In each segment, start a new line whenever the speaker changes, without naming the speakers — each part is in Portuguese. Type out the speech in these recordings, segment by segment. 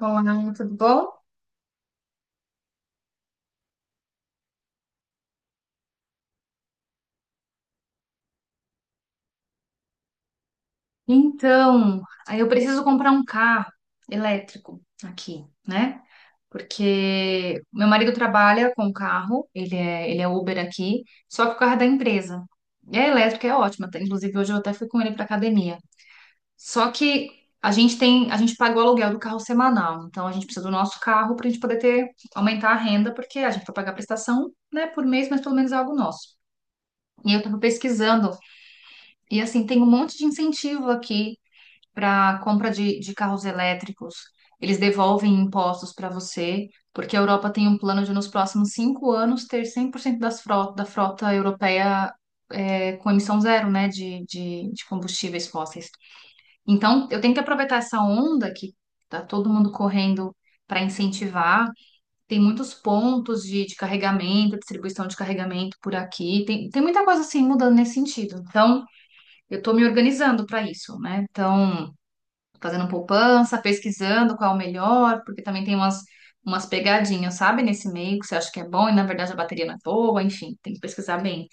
Olá, tudo bom? Então, aí eu preciso comprar um carro elétrico aqui, né? Porque meu marido trabalha com carro, ele é Uber aqui, só que o carro é da empresa. E a elétrica é ótima, tá? Inclusive hoje eu até fui com ele para academia. Só que a gente paga o aluguel do carro semanal, então a gente precisa do nosso carro para a gente poder aumentar a renda, porque a gente vai pagar a prestação, né, por mês, mas pelo menos é algo nosso. E eu estava pesquisando. E assim, tem um monte de incentivo aqui para compra de carros elétricos. Eles devolvem impostos para você, porque a Europa tem um plano de, nos próximos 5 anos, ter 100% das frota, da frota europeia é, com emissão zero, né, de combustíveis fósseis. Então, eu tenho que aproveitar essa onda que tá todo mundo correndo para incentivar. Tem muitos pontos de carregamento, distribuição de carregamento por aqui. Tem muita coisa assim mudando nesse sentido. Então, eu estou me organizando para isso, né? Então, fazendo poupança, pesquisando qual é o melhor, porque também tem umas pegadinhas, sabe, nesse meio que você acha que é bom e na verdade a bateria não é boa, enfim, tem que pesquisar bem.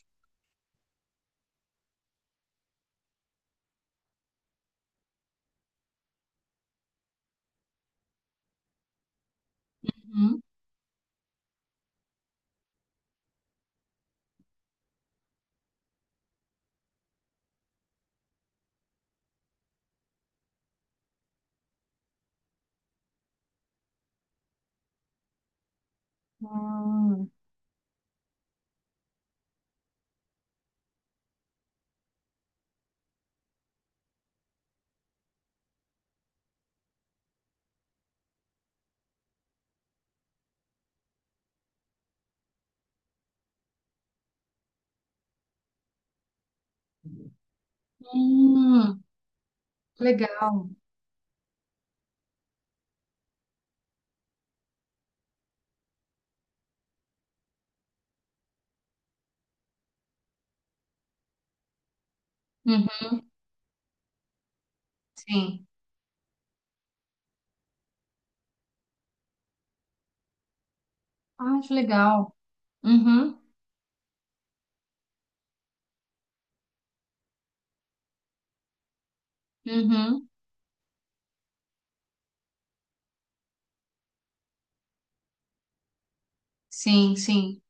Uhum. Hum. Hum, legal. Uhum, sim. Ah, que legal. Uhum, uhum. Sim, sim.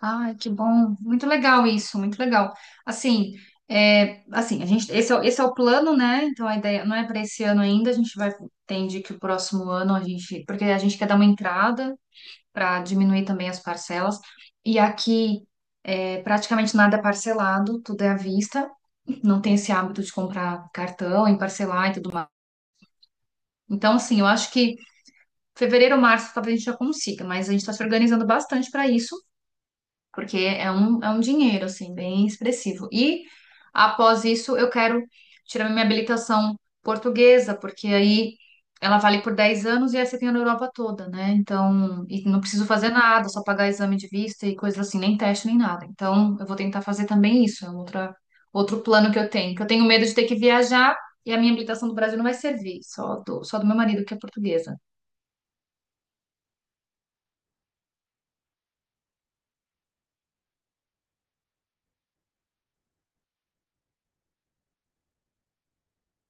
Ah, que bom. Muito legal isso, muito legal. Assim, é, assim, a gente, esse é o plano, né? Então a ideia não é para esse ano ainda, entende que o próximo ano a gente, porque a gente quer dar uma entrada para diminuir também as parcelas. E aqui é, praticamente nada é parcelado, tudo é à vista. Não tem esse hábito de comprar cartão e parcelar e tudo mais. Então, assim, eu acho que fevereiro, março, talvez a gente já consiga, mas a gente está se organizando bastante para isso. Porque é um dinheiro, assim, bem expressivo. E após isso, eu quero tirar minha habilitação portuguesa, porque aí ela vale por 10 anos e essa tem na Europa toda, né? Então, e não preciso fazer nada, só pagar exame de vista e coisas assim, nem teste, nem nada. Então, eu vou tentar fazer também isso, é um outro plano que eu tenho medo de ter que viajar. E a minha habilitação do Brasil não vai servir, só do meu marido, que é portuguesa.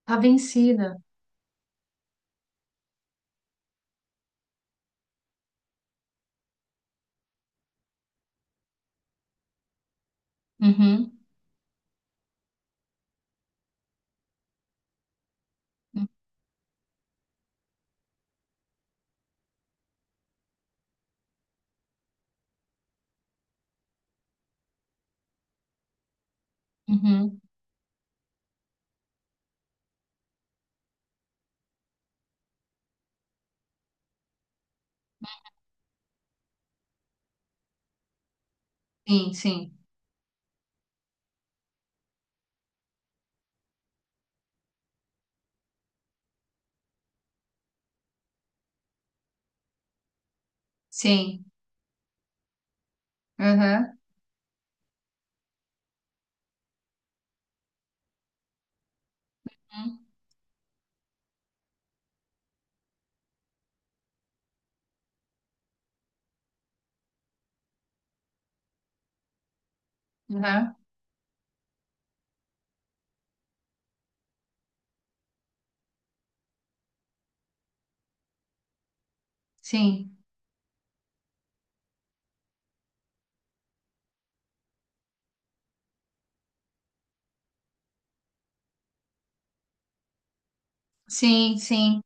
Tá vencida. Uhum. Uhum. Sim, sim, sim. Aham, aham. Sim, sim, sim.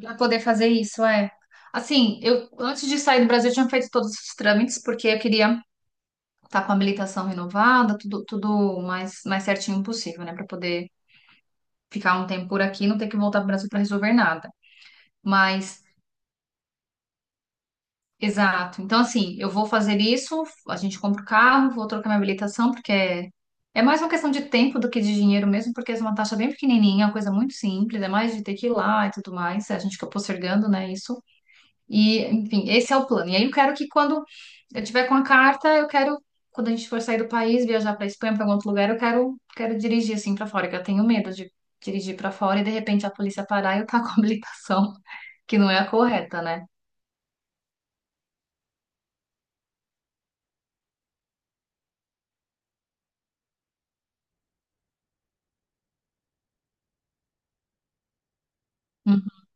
Pra poder fazer isso, é. Assim, eu antes de sair do Brasil, eu tinha feito todos os trâmites, porque eu queria estar com a habilitação renovada, tudo, tudo mais, mais certinho possível, né? Pra poder ficar um tempo por aqui e não ter que voltar para o Brasil para resolver nada. Mas. Exato. Então, assim, eu vou fazer isso, a gente compra o carro, vou trocar minha habilitação, porque é mais uma questão de tempo do que de dinheiro mesmo, porque é uma taxa bem pequenininha, é uma coisa muito simples, é mais de ter que ir lá e tudo mais, a gente fica postergando, né, isso. E, enfim, esse é o plano. E aí eu quero que quando eu tiver com a carta, eu quero, quando a gente for sair do país, viajar para Espanha, para algum outro lugar, quero dirigir, assim, para fora, que eu tenho medo de dirigir para fora e, de repente, a polícia parar e eu tá com a habilitação, que não é a correta, né? Uhum.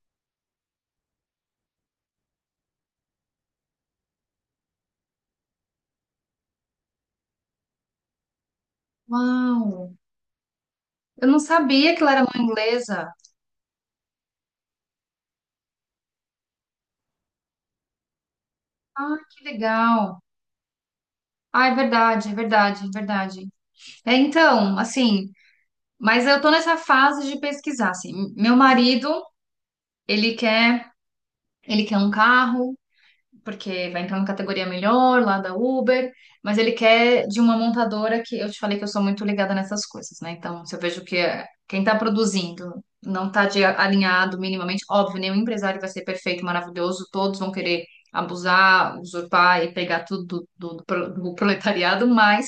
Uau! Eu não sabia que ela era mãe inglesa. Ah, que legal. Ah, é verdade, é verdade, é verdade. É, então, assim, mas eu tô nessa fase de pesquisar, assim. Meu marido, ele quer, ele quer um carro, porque vai entrar na categoria melhor lá da Uber, mas ele quer de uma montadora que eu te falei que eu sou muito ligada nessas coisas, né? Então, se eu vejo que quem está produzindo não está alinhado minimamente, óbvio, nenhum empresário vai ser perfeito, maravilhoso, todos vão querer abusar, usurpar e pegar tudo do proletariado, mas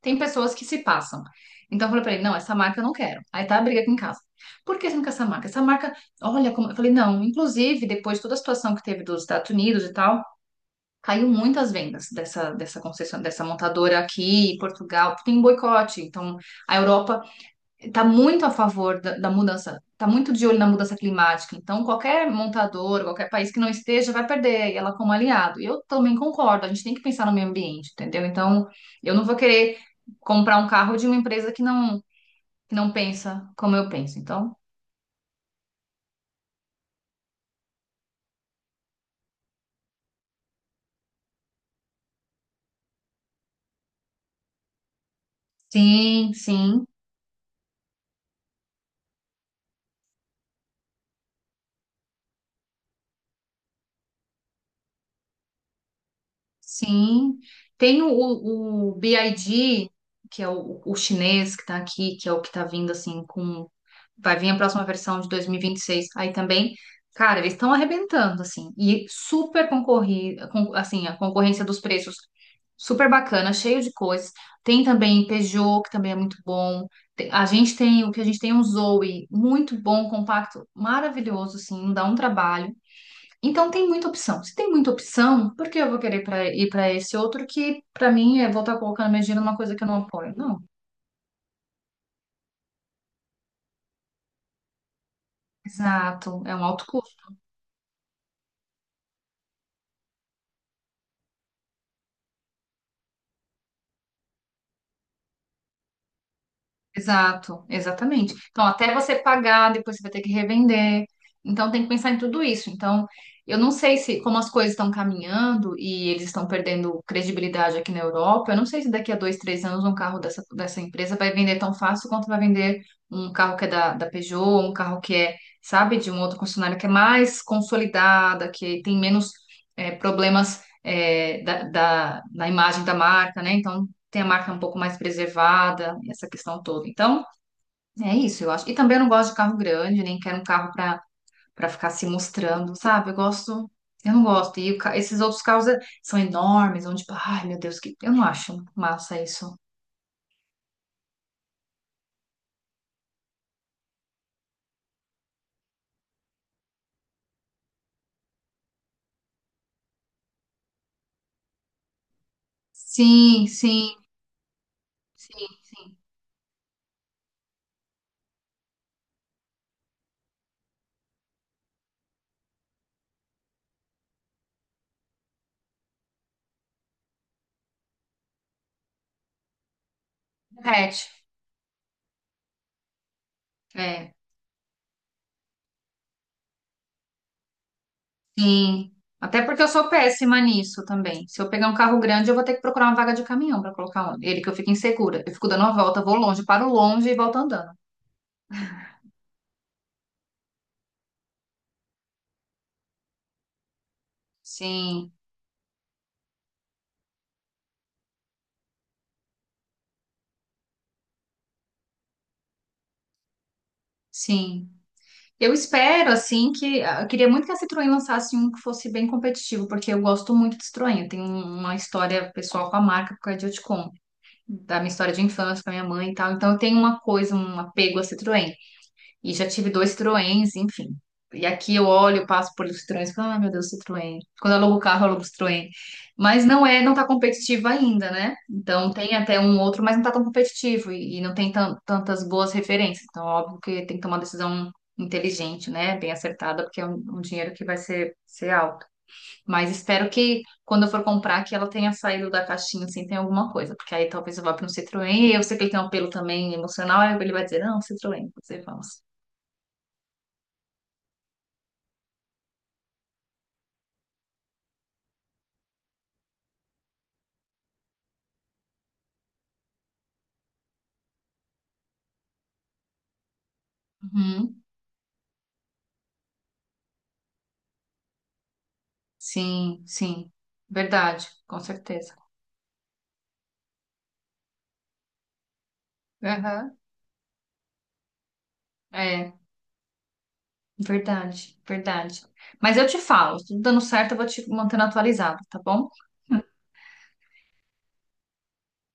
tem pessoas que se passam. Então, eu falei pra ele, não, essa marca eu não quero. Aí tá a briga aqui em casa. Por que você não quer essa marca? Essa marca, olha como... Eu falei, não, inclusive, depois de toda a situação que teve dos Estados Unidos e tal, caiu muitas vendas dessa montadora aqui em Portugal, porque tem um boicote. Então, a Europa está muito a favor da mudança, está muito de olho na mudança climática. Então, qualquer montador, qualquer país que não esteja, vai perder e ela como aliado. E eu também concordo, a gente tem que pensar no meio ambiente, entendeu? Então, eu não vou querer comprar um carro de uma empresa que não pensa como eu penso. Então, sim, sim. Sim, tem o BID, que é o chinês que está aqui, que é o que está vindo assim com vai vir a próxima versão de dois mil e vinte e seis. Aí também, cara, eles estão arrebentando assim e super concorrido, assim, a concorrência dos preços super bacana, cheio de coisas. Tem também Peugeot, que também é muito bom. A gente tem o que a gente tem é um Zoe, muito bom, compacto, maravilhoso, assim, não dá um trabalho. Então tem muita opção. Se tem muita opção, por que eu vou querer ir para esse outro que, para mim, é voltar colocando meu dinheiro numa coisa que eu não apoio? Não. Exato. É um alto custo. Exato, exatamente. Então, até você pagar, depois você vai ter que revender. Então, tem que pensar em tudo isso. Então, eu não sei se, como as coisas estão caminhando e eles estão perdendo credibilidade aqui na Europa, eu não sei se daqui a 2, 3 anos um carro dessa empresa vai vender tão fácil quanto vai vender um carro que é da Peugeot, um carro que é, sabe, de um outro concessionário que é mais consolidada, que tem menos problemas na imagem da marca, né? Então, tem a marca um pouco mais preservada, essa questão toda. Então, é isso, eu acho. E também eu não gosto de carro grande, nem quero um carro para ficar se mostrando, sabe? Eu gosto, eu não gosto. E o esses outros carros é, são enormes, onde, tipo, ai, meu Deus, que eu não acho massa isso. Sim, sim, sim, sim. Repete. É, sim. Até porque eu sou péssima nisso também. Se eu pegar um carro grande, eu vou ter que procurar uma vaga de caminhão para colocar ele, que eu fico insegura. Eu fico dando uma volta, vou longe, paro longe e volto andando. Sim, sim. Eu espero, assim, que, ah, eu queria muito que a Citroën lançasse um que fosse bem competitivo, porque eu gosto muito de Citroën. Eu tenho uma história pessoal com a marca, por causa de eu te conto, da minha história de infância, com a minha mãe e tal. Então, eu tenho uma coisa, um apego a Citroën. E já tive dois Citroëns, enfim. E aqui eu olho, passo por Citroëns, falo, ah, meu Deus, Citroën. Quando eu alugo o carro, eu alugo o Citroën. Mas não é, não tá competitivo ainda, né? Então tem até um outro, mas não tá tão competitivo e não tem tantas boas referências. Então, óbvio que tem que tomar uma decisão inteligente, né? Bem acertada, porque é um dinheiro que vai ser alto. Mas espero que quando eu for comprar, que ela tenha saído da caixinha, assim, tem alguma coisa. Porque aí talvez eu vá para um Citroën, e eu sei que ele tem um apelo também emocional, aí ele vai dizer, não, Citroën, você vamos. Uhum. Sim, sim. Verdade, com certeza. Aham. É, verdade, verdade. Mas eu te falo, se tudo dando certo, eu vou te mantendo atualizado, tá bom?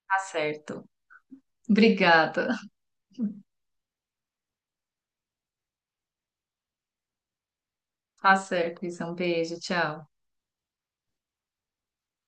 Tá certo. Obrigada. Tá certo, Isa. Um beijo, tchau.